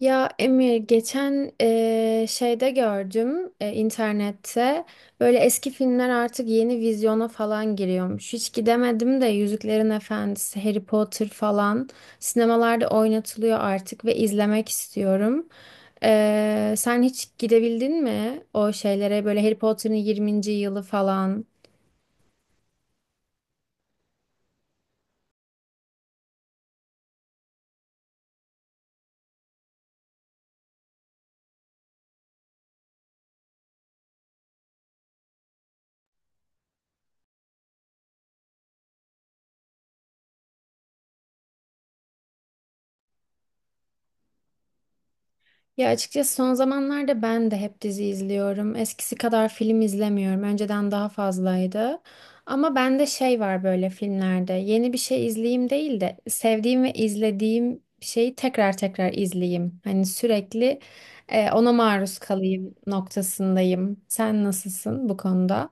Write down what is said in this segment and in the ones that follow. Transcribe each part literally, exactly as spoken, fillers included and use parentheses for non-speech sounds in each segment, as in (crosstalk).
Ya Emir geçen eee, şeyde gördüm e, internette böyle eski filmler artık yeni vizyona falan giriyormuş. Hiç gidemedim de Yüzüklerin Efendisi, Harry Potter falan sinemalarda oynatılıyor artık ve izlemek istiyorum. Eee, sen hiç gidebildin mi o şeylere böyle Harry Potter'ın yirminci yılı falan? Ya açıkçası son zamanlarda ben de hep dizi izliyorum. Eskisi kadar film izlemiyorum. Önceden daha fazlaydı. Ama bende şey var böyle filmlerde. Yeni bir şey izleyeyim değil de sevdiğim ve izlediğim şeyi tekrar tekrar izleyeyim. Hani sürekli e, ona maruz kalayım noktasındayım. Sen nasılsın bu konuda?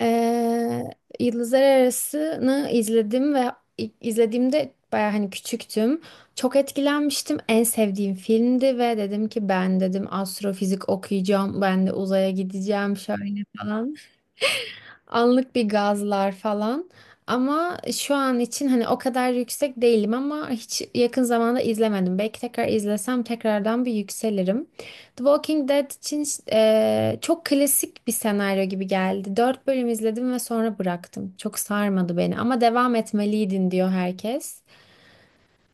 Ee, Yıldızlar Arası'nı izledim ve izlediğimde baya hani küçüktüm. Çok etkilenmiştim. En sevdiğim filmdi ve dedim ki ben dedim astrofizik okuyacağım. Ben de uzaya gideceğim şöyle falan. Anlık bir gazlar falan. Ama şu an için hani o kadar yüksek değilim ama hiç yakın zamanda izlemedim. Belki tekrar izlesem tekrardan bir yükselirim. The Walking Dead için e, çok klasik bir senaryo gibi geldi. Dört bölüm izledim ve sonra bıraktım. Çok sarmadı beni ama devam etmeliydin diyor herkes.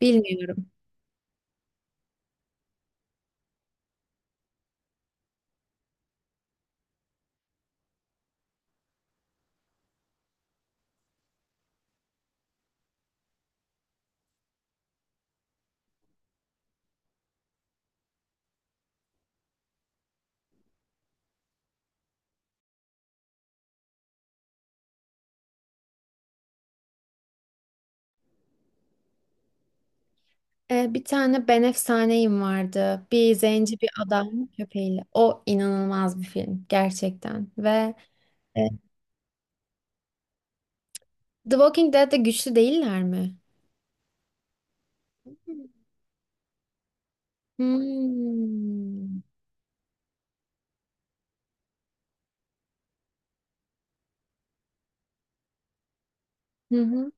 Bilmiyorum. E, bir tane Ben Efsaneyim vardı. Bir zenci bir adam köpeğiyle. O inanılmaz bir film gerçekten ve... The Walking Dead'de güçlü değiller mi? Hmm. Hı hı.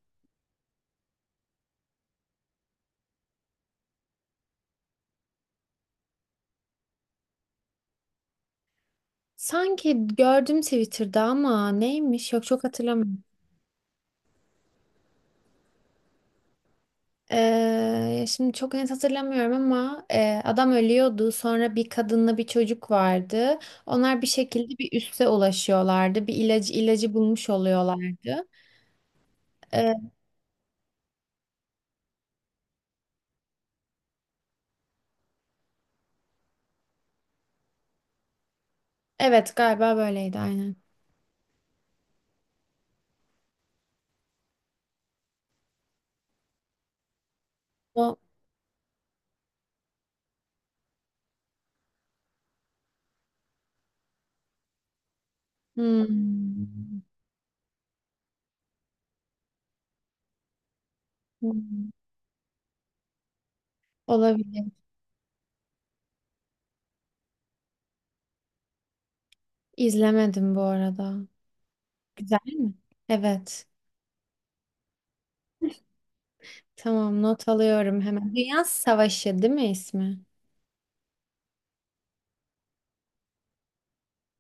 Sanki gördüm Twitter'da ama neymiş? Yok çok hatırlamıyorum. Ee, şimdi çok net hatırlamıyorum ama e, adam ölüyordu. Sonra bir kadınla bir çocuk vardı. Onlar bir şekilde bir üste ulaşıyorlardı. Bir ilacı ilacı bulmuş oluyorlardı. Ee, evet galiba böyleydi aynen. O hmm. Hmm. Olabilir. İzlemedim bu arada. Güzel mi? Evet. Tamam, not alıyorum hemen. Dünya Savaşı değil mi ismi?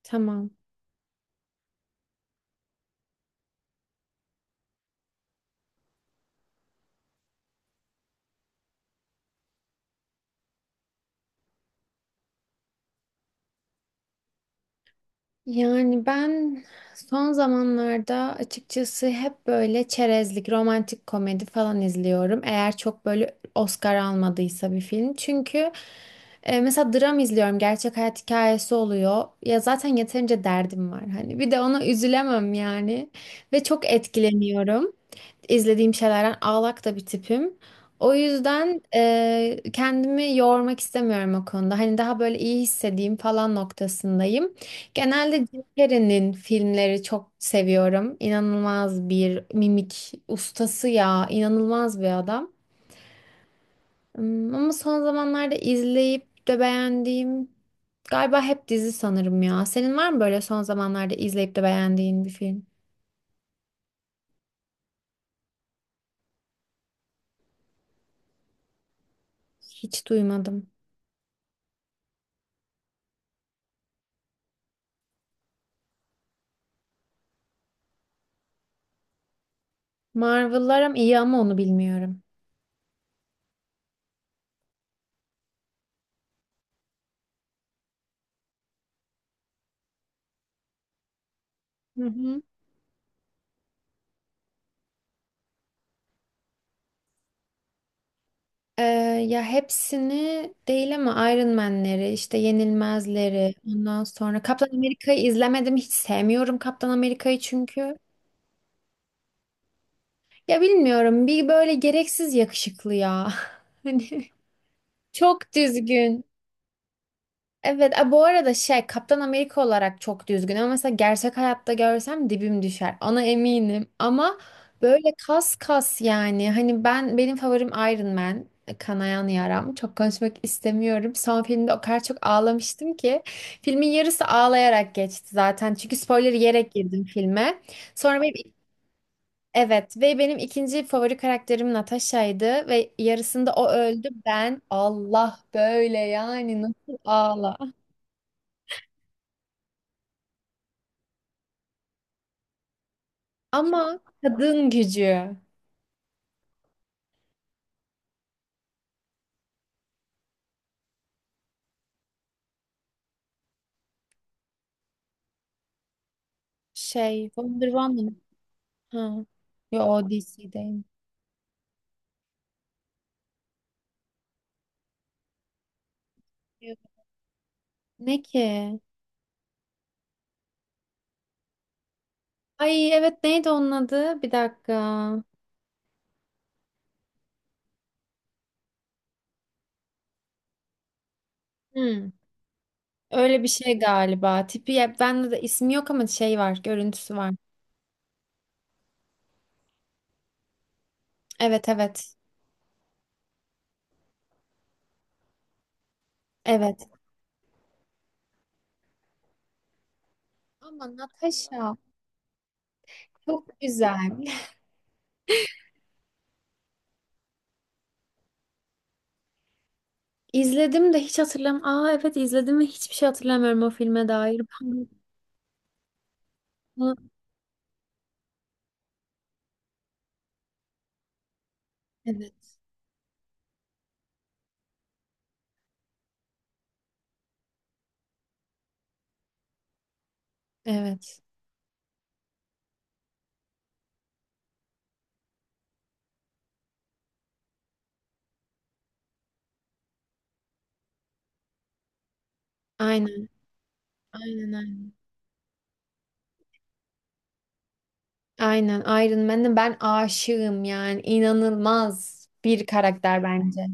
Tamam. Yani ben son zamanlarda açıkçası hep böyle çerezlik, romantik komedi falan izliyorum. Eğer çok böyle Oscar almadıysa bir film. Çünkü e, mesela dram izliyorum. Gerçek hayat hikayesi oluyor. Ya zaten yeterince derdim var. Hani bir de ona üzülemem yani. Ve çok etkileniyorum. İzlediğim şeylerden ağlak da bir tipim. O yüzden e, kendimi yormak istemiyorum o konuda. Hani daha böyle iyi hissedeyim falan noktasındayım. Genelde Jim Carrey'nin filmleri çok seviyorum. İnanılmaz bir mimik ustası ya. İnanılmaz bir adam. Hmm, Ama son zamanlarda izleyip de beğendiğim galiba hep dizi sanırım ya. Senin var mı böyle son zamanlarda izleyip de beğendiğin bir film? Hiç duymadım. Marvel'lar ama iyi ama onu bilmiyorum. Hı hı. Ee, ya hepsini değil ama Iron Man'leri, işte Yenilmezleri, ondan sonra Kaptan Amerika'yı izlemedim. Hiç sevmiyorum Kaptan Amerika'yı çünkü. Ya bilmiyorum bir böyle gereksiz yakışıklı ya. (laughs) Hani çok düzgün. Evet, e, bu arada şey Kaptan Amerika olarak çok düzgün ama mesela gerçek hayatta görsem dibim düşer. Ona eminim ama böyle kas kas yani hani ben benim favorim Iron Man. e, Kanayan yaram. Çok konuşmak istemiyorum. Son filmde o kadar çok ağlamıştım ki. Filmin yarısı ağlayarak geçti zaten. Çünkü spoiler yiyerek girdim filme. Sonra benim, evet ve benim ikinci favori karakterim Natasha'ydı ve yarısında o öldü. Ben Allah böyle yani nasıl ağla. Ama kadın gücü şey Wonder Woman. Ha. Yo o D C'deyim. Ne ki? Ay evet, neydi onun adı? Bir dakika. Hmm. Öyle bir şey galiba. Tipi ya, bende de ismi yok ama şey var, görüntüsü var. Evet, evet. Evet. Ama Natasha çok güzel. (laughs) İzledim de hiç hatırlam. Aa evet izledim ve hiçbir şey hatırlamıyorum o filme dair. (laughs) Evet. Evet. Aynen. Aynen, aynen. Aynen Iron Man'e ben aşığım yani inanılmaz bir karakter bence.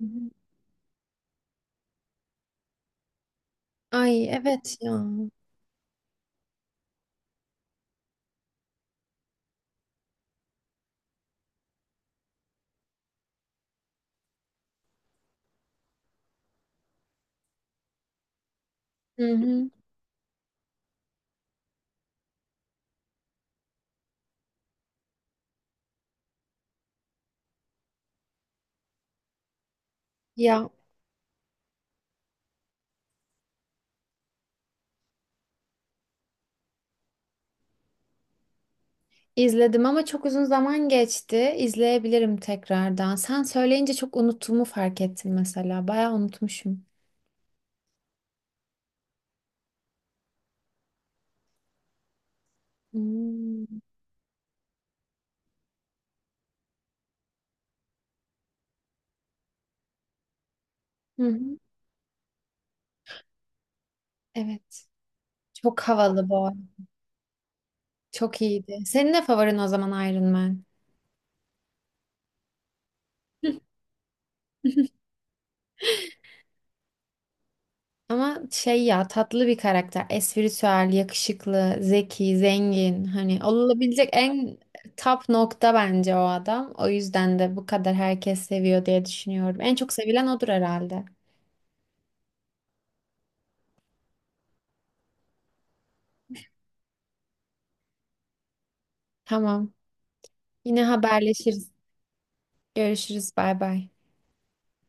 Hı hı. Ay evet ya. Hı hı. Ya izledim ama çok uzun zaman geçti. İzleyebilirim tekrardan. Sen söyleyince çok unuttuğumu fark ettim mesela. Bayağı unutmuşum. Hmm. Hı hı. Evet. Çok havalı bu arada. Çok iyiydi. Senin ne favorin o zaman Iron Man? (laughs) Ama şey ya tatlı bir karakter. Espritüel, yakışıklı, zeki, zengin. Hani olabilecek en top nokta bence o adam. O yüzden de bu kadar herkes seviyor diye düşünüyorum. En çok sevilen odur herhalde. Tamam. Yine haberleşiriz. Görüşürüz. Bay bay.